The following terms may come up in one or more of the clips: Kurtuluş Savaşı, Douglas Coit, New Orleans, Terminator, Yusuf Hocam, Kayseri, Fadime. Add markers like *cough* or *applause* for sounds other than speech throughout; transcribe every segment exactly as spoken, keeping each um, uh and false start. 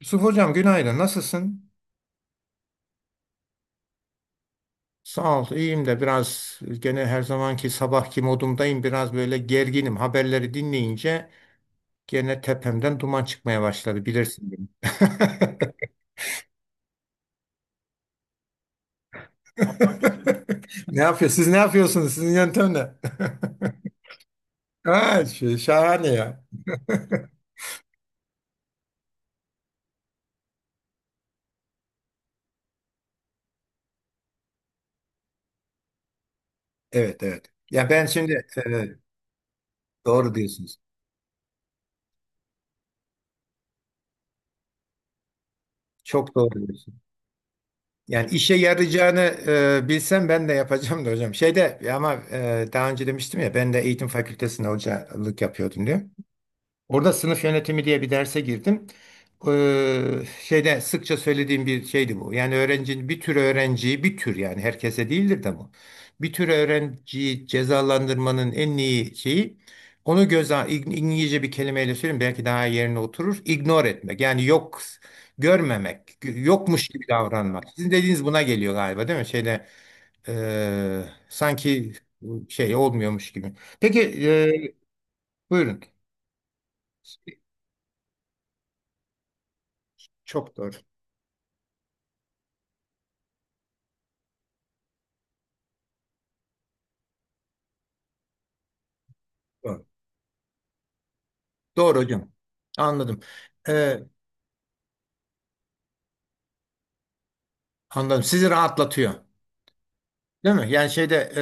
Yusuf Hocam günaydın. Nasılsın? Sağ ol. İyiyim de biraz gene her zamanki sabahki modumdayım. Biraz böyle gerginim. Haberleri dinleyince gene tepemden duman çıkmaya başladı. Bilirsin beni. *laughs* Ne yapıyor? Siz ne yapıyorsunuz? Sizin yöntem ne? *laughs* Ha, şey, şahane ya. Evet evet. Ya ben şimdi evet, doğru diyorsunuz. Çok doğru diyorsunuz. Yani işe yarayacağını e, bilsem ben de yapacağım da hocam. Şeyde ama e, daha önce demiştim ya ben de eğitim fakültesinde hocalık yapıyordum diyor. Orada sınıf yönetimi diye bir derse girdim. Ee, şeyde sıkça söylediğim bir şeydi bu. Yani öğrencinin bir tür öğrenciyi bir tür yani herkese değildir de bu. Bir tür öğrenciyi cezalandırmanın en iyi şeyi onu göze İng- İngilizce bir kelimeyle söyleyeyim belki daha yerine oturur. Ignore etmek yani yok görmemek gö- yokmuş gibi davranmak. Sizin dediğiniz buna geliyor galiba değil mi? Şeyde e, sanki şey olmuyormuş gibi. Peki e, buyurun. Çok doğru. Doğru. Doğru hocam. Anladım. Ee, anladım. Sizi rahatlatıyor. Değil mi? Yani şeyde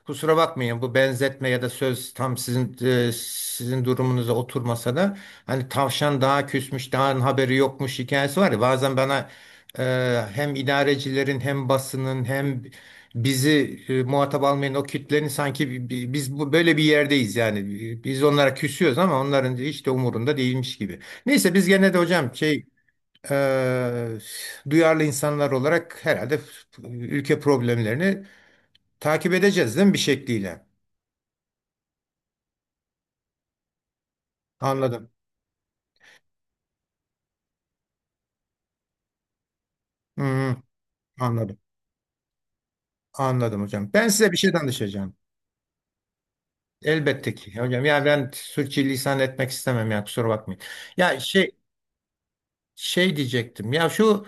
e, kusura bakmayın bu benzetme ya da söz tam sizin e, sizin durumunuza oturmasa da hani tavşan daha küsmüş, daha haberi yokmuş hikayesi var ya bazen bana e, hem idarecilerin hem basının hem bizi e, muhatap almayan o kitlenin sanki bi- bi- biz bu böyle bir yerdeyiz yani. Biz onlara küsüyoruz ama onların hiç de umurunda değilmiş gibi. Neyse biz gene de hocam şey eee, duyarlı insanlar olarak herhalde ülke problemlerini takip edeceğiz değil mi bir şekliyle? Anladım. Hı hı, anladım. Anladım hocam. Ben size bir şey danışacağım. Elbette ki hocam. Ya ben sürçülisan etmek istemem ya kusura bakmayın. Ya şey Şey diyecektim ya şu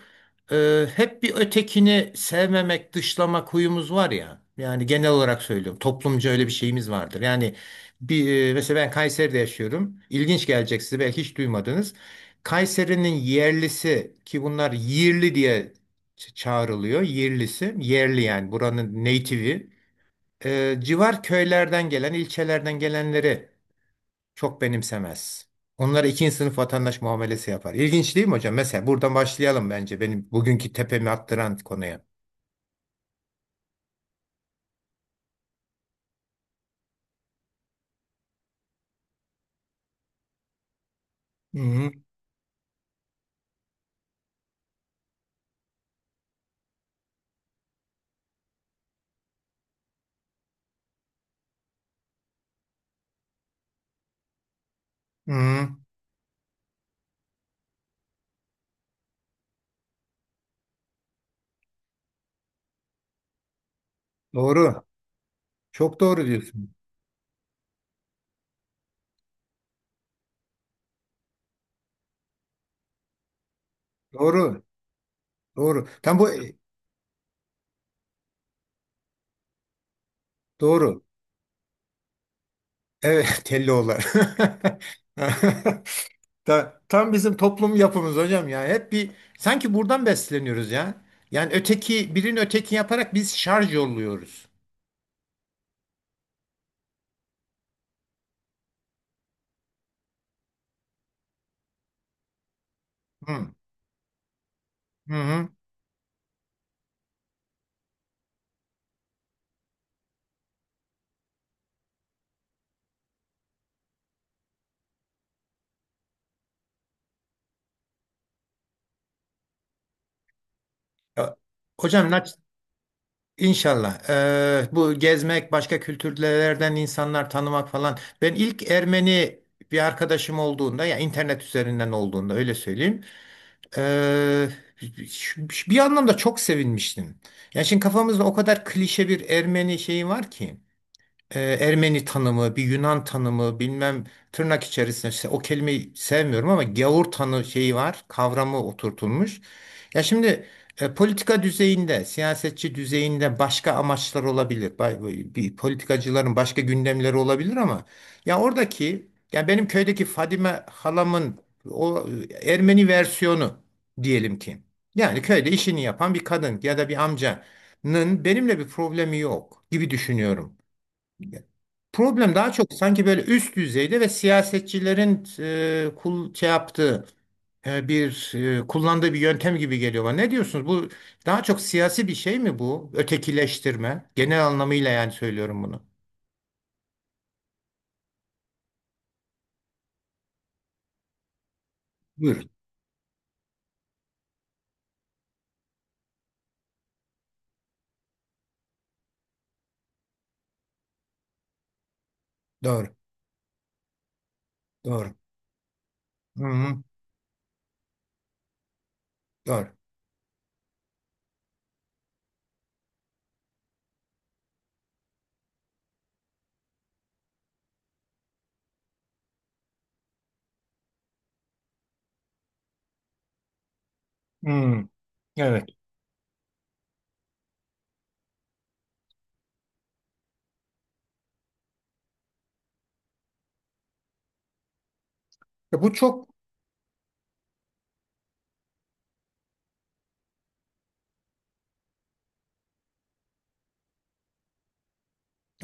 e, hep bir ötekini sevmemek, dışlamak huyumuz var ya. Yani genel olarak söylüyorum. Toplumca öyle bir şeyimiz vardır. Yani bir e, mesela ben Kayseri'de yaşıyorum. İlginç gelecek size belki hiç duymadınız. Kayseri'nin yerlisi ki bunlar yerli diye ç- çağrılıyor. Yerlisi, yerli yani buranın native'i. E, civar köylerden gelen, ilçelerden gelenleri çok benimsemez. Onlara ikinci sınıf vatandaş muamelesi yapar. İlginç değil mi hocam? Mesela buradan başlayalım bence benim bugünkü tepemi attıran konuya. Hı hı. Hı, doğru. Çok doğru diyorsun. Doğru. Doğru. Tam bu doğru. Evet, *laughs* Telloğullar. *laughs* Ta- Tam bizim toplum yapımız hocam ya. Hep bir sanki buradan besleniyoruz ya. Yani öteki birini öteki yaparak biz şarj yolluyoruz. Hı, hı, hı. Ya, Hocam İnşallah. Eee, bu gezmek, başka kültürlerden insanlar tanımak falan. Ben ilk Ermeni bir arkadaşım olduğunda ya internet üzerinden olduğunda öyle söyleyeyim. eee, şu- bir anlamda çok sevinmiştim. Ya şimdi kafamızda o kadar klişe bir Ermeni şeyi var ki e, Ermeni tanımı, bir Yunan tanımı, bilmem tırnak içerisinde se- o kelimeyi sevmiyorum ama gavur tanı şeyi var, kavramı oturtulmuş. Ya şimdi e, politika düzeyinde, siyasetçi düzeyinde başka amaçlar olabilir. Ba- Bir politikacıların başka gündemleri olabilir ama ya oradaki ya benim köydeki Fadime halamın o e, Ermeni versiyonu diyelim ki. Yani köyde işini yapan bir kadın ya da bir amcanın benimle bir problemi yok gibi düşünüyorum. Problem daha çok sanki böyle üst düzeyde ve siyasetçilerin e, kul şey yaptığı e, bir e, kullandığı bir yöntem gibi geliyor bana. Ne diyorsunuz? Bu daha çok siyasi bir şey mi bu? Ötekileştirme. Genel anlamıyla yani söylüyorum bunu. Buyurun. Doğru. Doğru. Hı hı. Doğru. Hı. Evet. Ya bu çok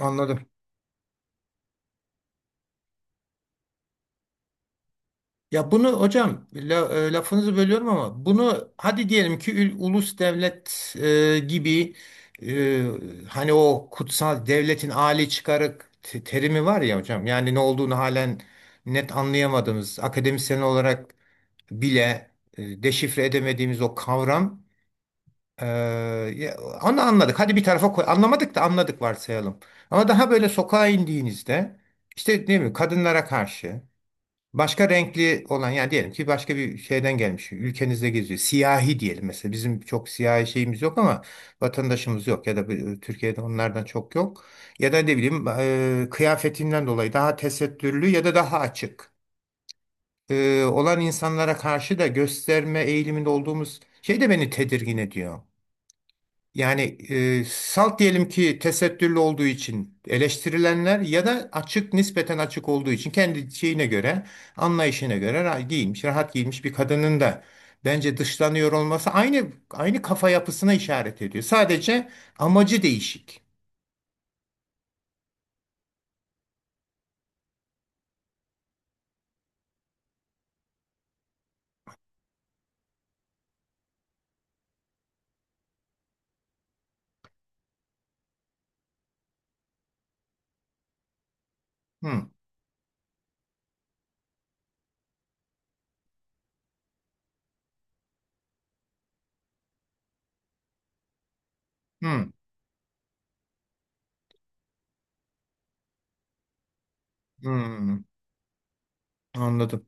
anladım. Ya bunu hocam la- e, lafınızı bölüyorum ama bunu hadi diyelim ki ül- ulus devlet e, gibi e, hani o kutsal devletin âli çıkarı te- terimi var ya hocam yani ne olduğunu halen net anlayamadığımız akademisyen olarak bile e, deşifre edemediğimiz o kavram e, ya onu anladık hadi bir tarafa koy anlamadık da anladık varsayalım ama daha böyle sokağa indiğinizde işte ne bileyim kadınlara karşı başka renkli olan yani diyelim ki başka bir şeyden gelmiş ülkenizde geziyor. Siyahi diyelim mesela bizim çok siyahi şeyimiz yok ama vatandaşımız yok ya da bir- Türkiye'de onlardan çok yok. Ya da ne bileyim e, kıyafetinden dolayı daha tesettürlü ya da daha açık e, olan insanlara karşı da gösterme eğiliminde olduğumuz şey de beni tedirgin ediyor. Yani e, salt diyelim ki tesettürlü olduğu için eleştirilenler ya da açık nispeten açık olduğu için kendi şeyine göre anlayışına göre ra- giyinmiş rahat giymiş bir kadının da bence dışlanıyor olması aynı aynı kafa yapısına işaret ediyor. Sadece amacı değişik. Hmm, hmm, hmm. Anladım.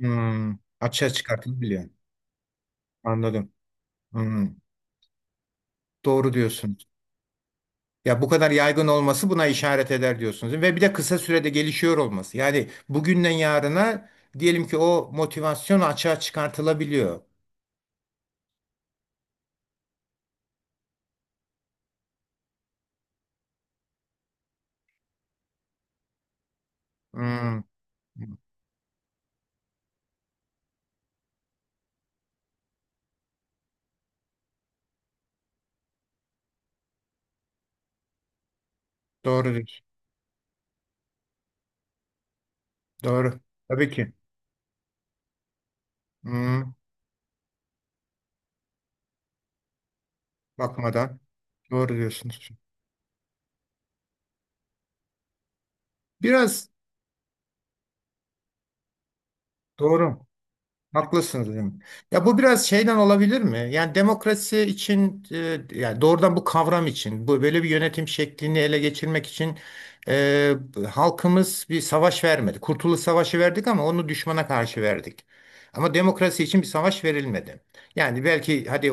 Hmm. Açığa çıkartılabiliyor. Anladım. Hmm. Doğru diyorsun. Ya bu kadar yaygın olması buna işaret eder diyorsunuz. Ve bir de kısa sürede gelişiyor olması. Yani bugünden yarına diyelim ki o motivasyon açığa çıkartılabiliyor. Hmm, doğru diyorsun. Doğru. Tabii ki. Hmm, bakmadan. Doğru diyorsunuz. Biraz doğru. Haklısınız hocam. Ya bu biraz şeyden olabilir mi? Yani demokrasi için e, yani doğrudan bu kavram için bu böyle bir yönetim şeklini ele geçirmek için e, halkımız bir savaş vermedi. Kurtuluş Savaşı verdik ama onu düşmana karşı verdik. Ama demokrasi için bir savaş verilmedi. Yani belki hadi e,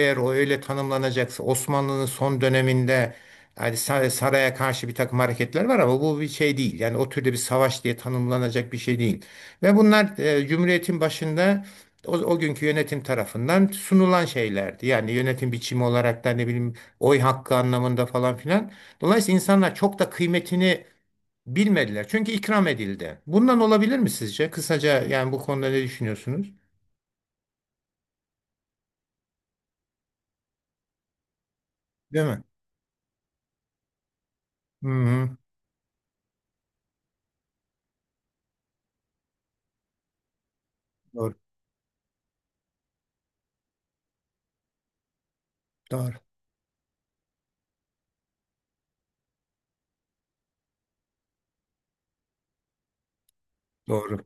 eğer o öyle tanımlanacaksa Osmanlı'nın son döneminde yani sa- saraya karşı bir takım hareketler var ama bu bir şey değil. Yani o türde bir savaş diye tanımlanacak bir şey değil. Ve bunlar e, Cumhuriyet'in başında o, o günkü yönetim tarafından sunulan şeylerdi. Yani yönetim biçimi olarak da ne bileyim oy hakkı anlamında falan filan. Dolayısıyla insanlar çok da kıymetini bilmediler. Çünkü ikram edildi. Bundan olabilir mi sizce? Kısaca yani bu konuda ne düşünüyorsunuz? Değil mi? Hı hı. Doğru. Doğru. Doğru.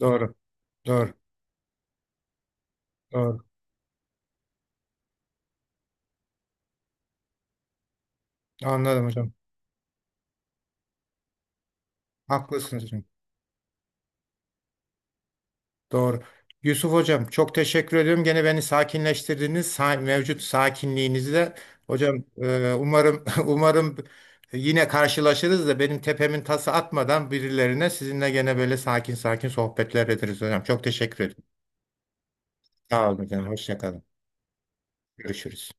Doğru. Doğru. Doğru. Anladım hocam. Haklısınız. Doğru. Yusuf Hocam çok teşekkür ediyorum. Gene beni sakinleştirdiniz. Sa- mevcut sakinliğinizle. Hocam e, umarım *laughs* umarım yine karşılaşırız da benim tepemin tası atmadan birilerine sizinle gene böyle sakin sakin sohbetler ederiz hocam. Çok teşekkür ederim. Sağ olun hocam. Hoşça kalın. Görüşürüz.